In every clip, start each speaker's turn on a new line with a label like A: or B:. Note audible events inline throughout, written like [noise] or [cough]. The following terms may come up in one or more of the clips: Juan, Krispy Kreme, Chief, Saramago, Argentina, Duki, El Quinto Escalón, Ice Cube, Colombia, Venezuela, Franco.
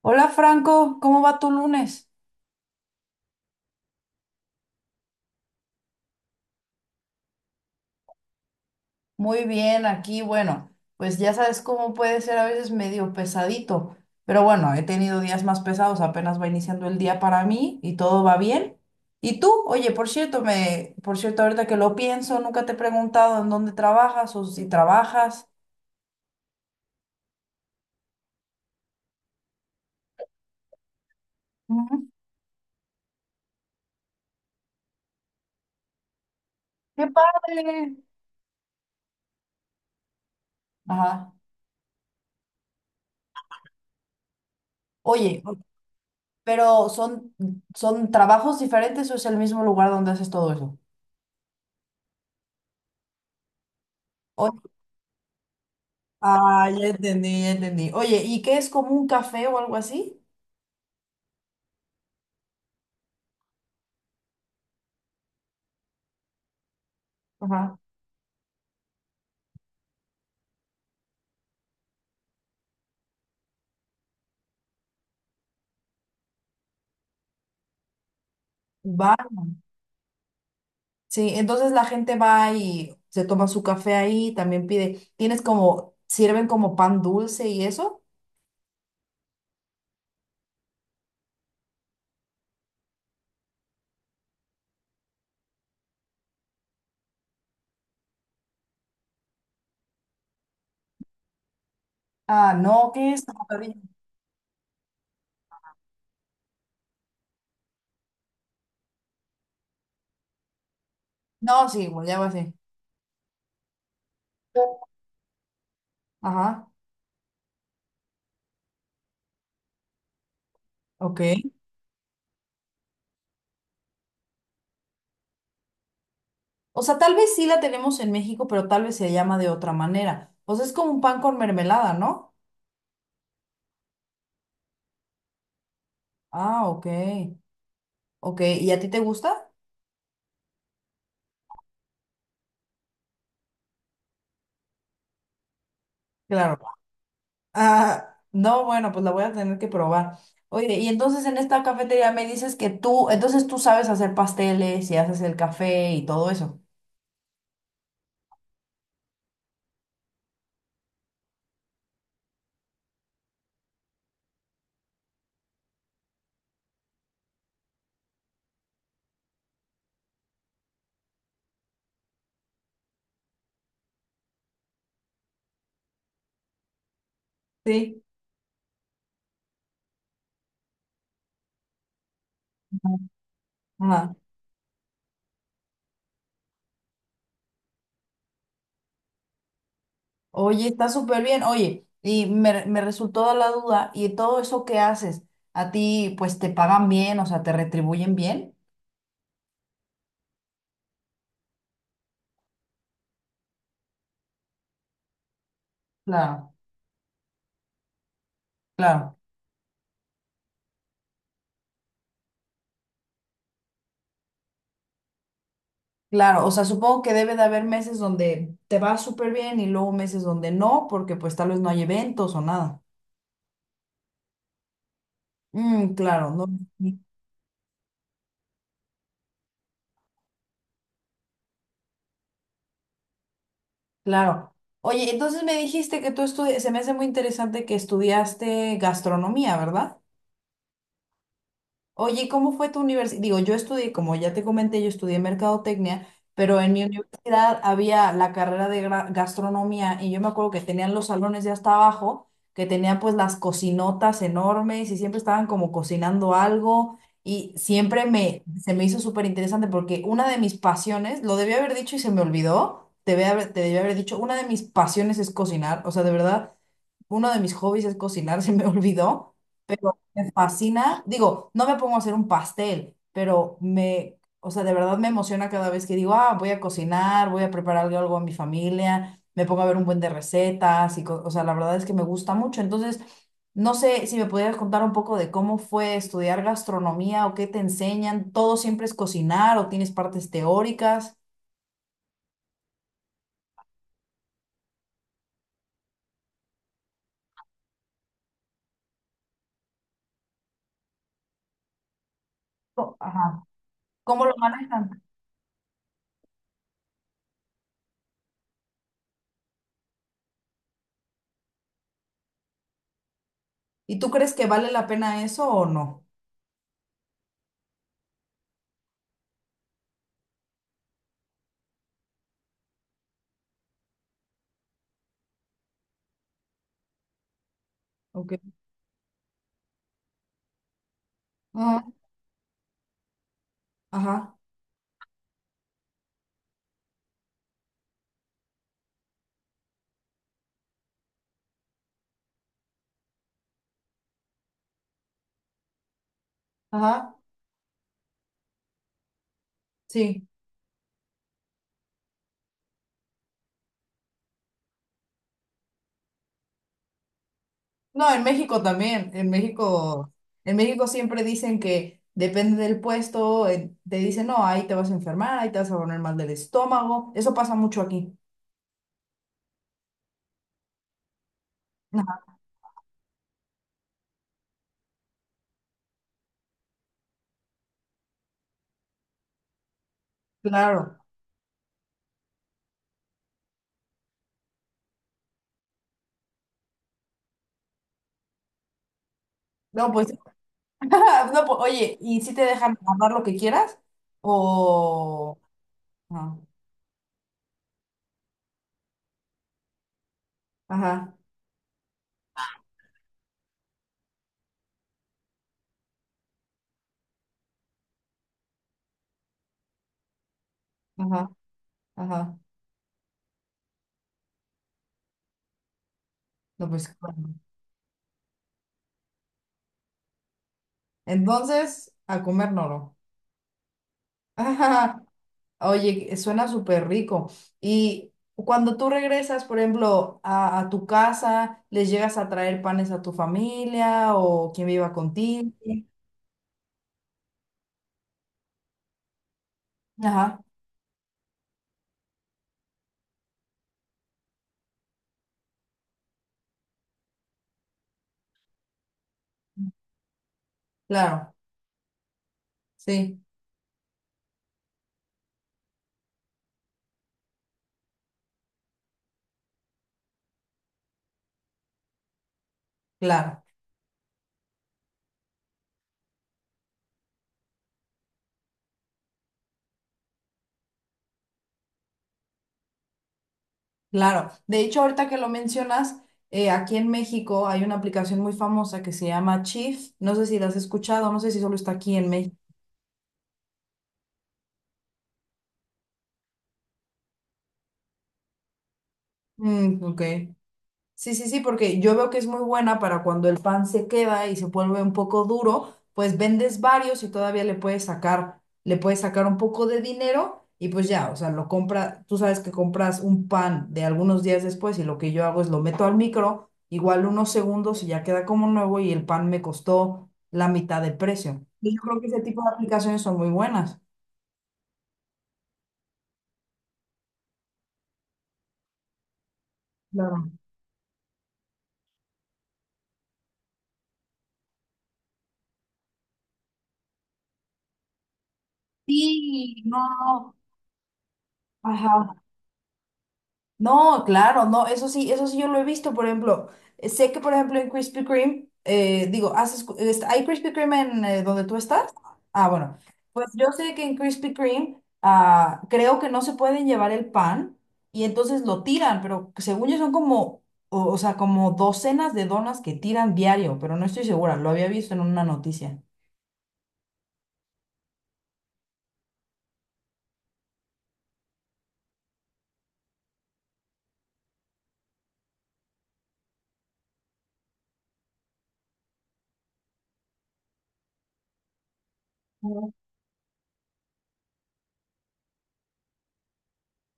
A: Hola Franco, ¿cómo va tu lunes? Muy bien, aquí, bueno, pues ya sabes cómo puede ser a veces medio pesadito, pero bueno, he tenido días más pesados, apenas va iniciando el día para mí y todo va bien. ¿Y tú? Oye, por cierto, ahorita que lo pienso, nunca te he preguntado en dónde trabajas o si trabajas. Ujú. ¡Qué padre! Ajá. Oye, pero ¿ son trabajos diferentes o es el mismo lugar donde haces todo eso? Ah, ya entendí, ya entendí. Oye, ¿y qué es como un café o algo así? Ajá. Va, sí, entonces la gente va y se toma su café ahí, también pide, tienes como, sirven como pan dulce y eso. Ah, no, ¿qué es? No, sí, bueno, ya va así. Ajá, ok. O sea, tal vez sí la tenemos en México, pero tal vez se llama de otra manera. O sea, es como un pan con mermelada, ¿no? Ah, ok, ok. ¿Y a ti te gusta? Claro. Ah, no, bueno, pues la voy a tener que probar. Oye, y entonces en esta cafetería me dices que tú, entonces tú sabes hacer pasteles y haces el café y todo eso. Sí. Ajá. Oye, está súper bien. Oye, y me resultó la duda, ¿y todo eso que haces, a ti pues te pagan bien, o sea, te retribuyen bien? Claro, claro, claro. O sea, supongo que debe de haber meses donde te va súper bien y luego meses donde no, porque pues tal vez no hay eventos o nada. Mm, claro, no. Claro. Oye, entonces me dijiste que tú estudias, se me hace muy interesante que estudiaste gastronomía, ¿verdad? Oye, ¿y cómo fue tu universidad? Digo, yo estudié, como ya te comenté, yo estudié mercadotecnia, pero en mi universidad había la carrera de gastronomía y yo me acuerdo que tenían los salones de hasta abajo, que tenían pues las cocinotas enormes y siempre estaban como cocinando algo y siempre se me hizo súper interesante porque una de mis pasiones, lo debí haber dicho y se me olvidó, te debí haber dicho, una de mis pasiones es cocinar, o sea, de verdad. Uno de mis hobbies es cocinar, [laughs] se me olvidó, pero me fascina. Digo, no me pongo a hacer un pastel, pero o sea, de verdad me emociona cada vez que digo, ah, voy a cocinar, voy a preparar algo a mi familia, me pongo a ver un buen de recetas y, o sea, la verdad es que me gusta mucho. Entonces, no sé si me pudieras contar un poco de cómo fue estudiar gastronomía o qué te enseñan. ¿Todo siempre es cocinar o tienes partes teóricas? Ajá. ¿Cómo lo manejan? ¿Y tú crees que vale la pena eso o no? Ok. Ajá, ajá, sí. No, en México también, en México siempre dicen que depende del puesto, te dicen, no, ahí te vas a enfermar, ahí te vas a poner mal del estómago, eso pasa mucho aquí. Ajá, claro. No, pues, [laughs] no, pues, oye, ¿y si te dejan hablar lo que quieras? O... no. Ajá, ajá, ajá. No, pues, claro. Entonces, a comer noro. [laughs] Oye, suena súper rico. Y cuando tú regresas, por ejemplo, a tu casa, ¿les llegas a traer panes a tu familia o quien viva contigo? Ajá. Claro, sí, claro, claro. De hecho, ahorita que lo mencionas, aquí en México hay una aplicación muy famosa que se llama Chief. No sé si la has escuchado, no sé si solo está aquí en México. Mm, ok. Sí, sí, sí, porque yo veo que es muy buena para cuando el pan se queda y se vuelve un poco duro, pues vendes varios y todavía le puedes sacar un poco de dinero y pues ya, o sea, lo compra, tú sabes que compras un pan de algunos días después y lo que yo hago es lo meto al micro, igual unos segundos y ya queda como nuevo y el pan me costó la mitad de precio. Y yo creo que ese tipo de aplicaciones son muy buenas. Claro. Sí, no, no, ajá. No, claro, no, eso sí yo lo he visto, por ejemplo, sé que por ejemplo en Krispy Kreme, digo, ¿hay Krispy Kreme en donde tú estás? Ah, bueno, pues yo sé que en Krispy Kreme ah, creo que no se pueden llevar el pan y entonces lo tiran, pero según yo son como, o sea, como docenas de donas que tiran diario, pero no estoy segura, lo había visto en una noticia.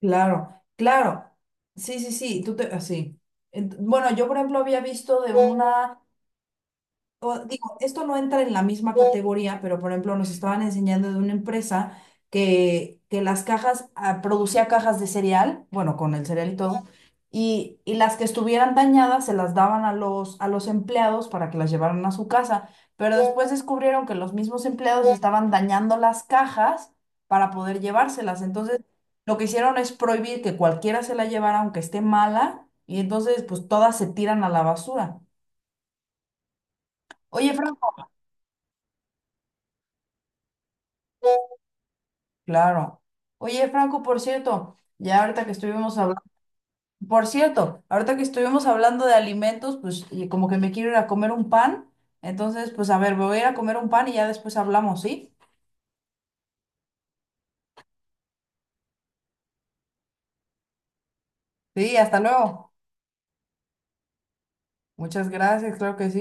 A: Claro, claro. Sí, sí, sí, tú te, así. Bueno, yo por ejemplo había visto de una o digo, esto no entra en la misma categoría, pero por ejemplo nos estaban enseñando de una empresa que las cajas, ah, producía cajas de cereal, bueno, con el cereal y todo, y las que estuvieran dañadas se las daban a a los empleados para que las llevaran a su casa, pero después descubrieron que los mismos empleados estaban dañando las cajas para poder llevárselas. Entonces, lo que hicieron es prohibir que cualquiera se la llevara, aunque esté mala, y entonces pues todas se tiran a la basura. Oye, Franco. Claro. Oye, Franco, por cierto, ya ahorita que estuvimos hablando, por cierto, ahorita que estuvimos hablando de alimentos, pues y como que me quiero ir a comer un pan, entonces, pues a ver, me voy a ir a comer un pan y ya después hablamos, ¿sí? Sí, hasta luego. Muchas gracias, claro que sí.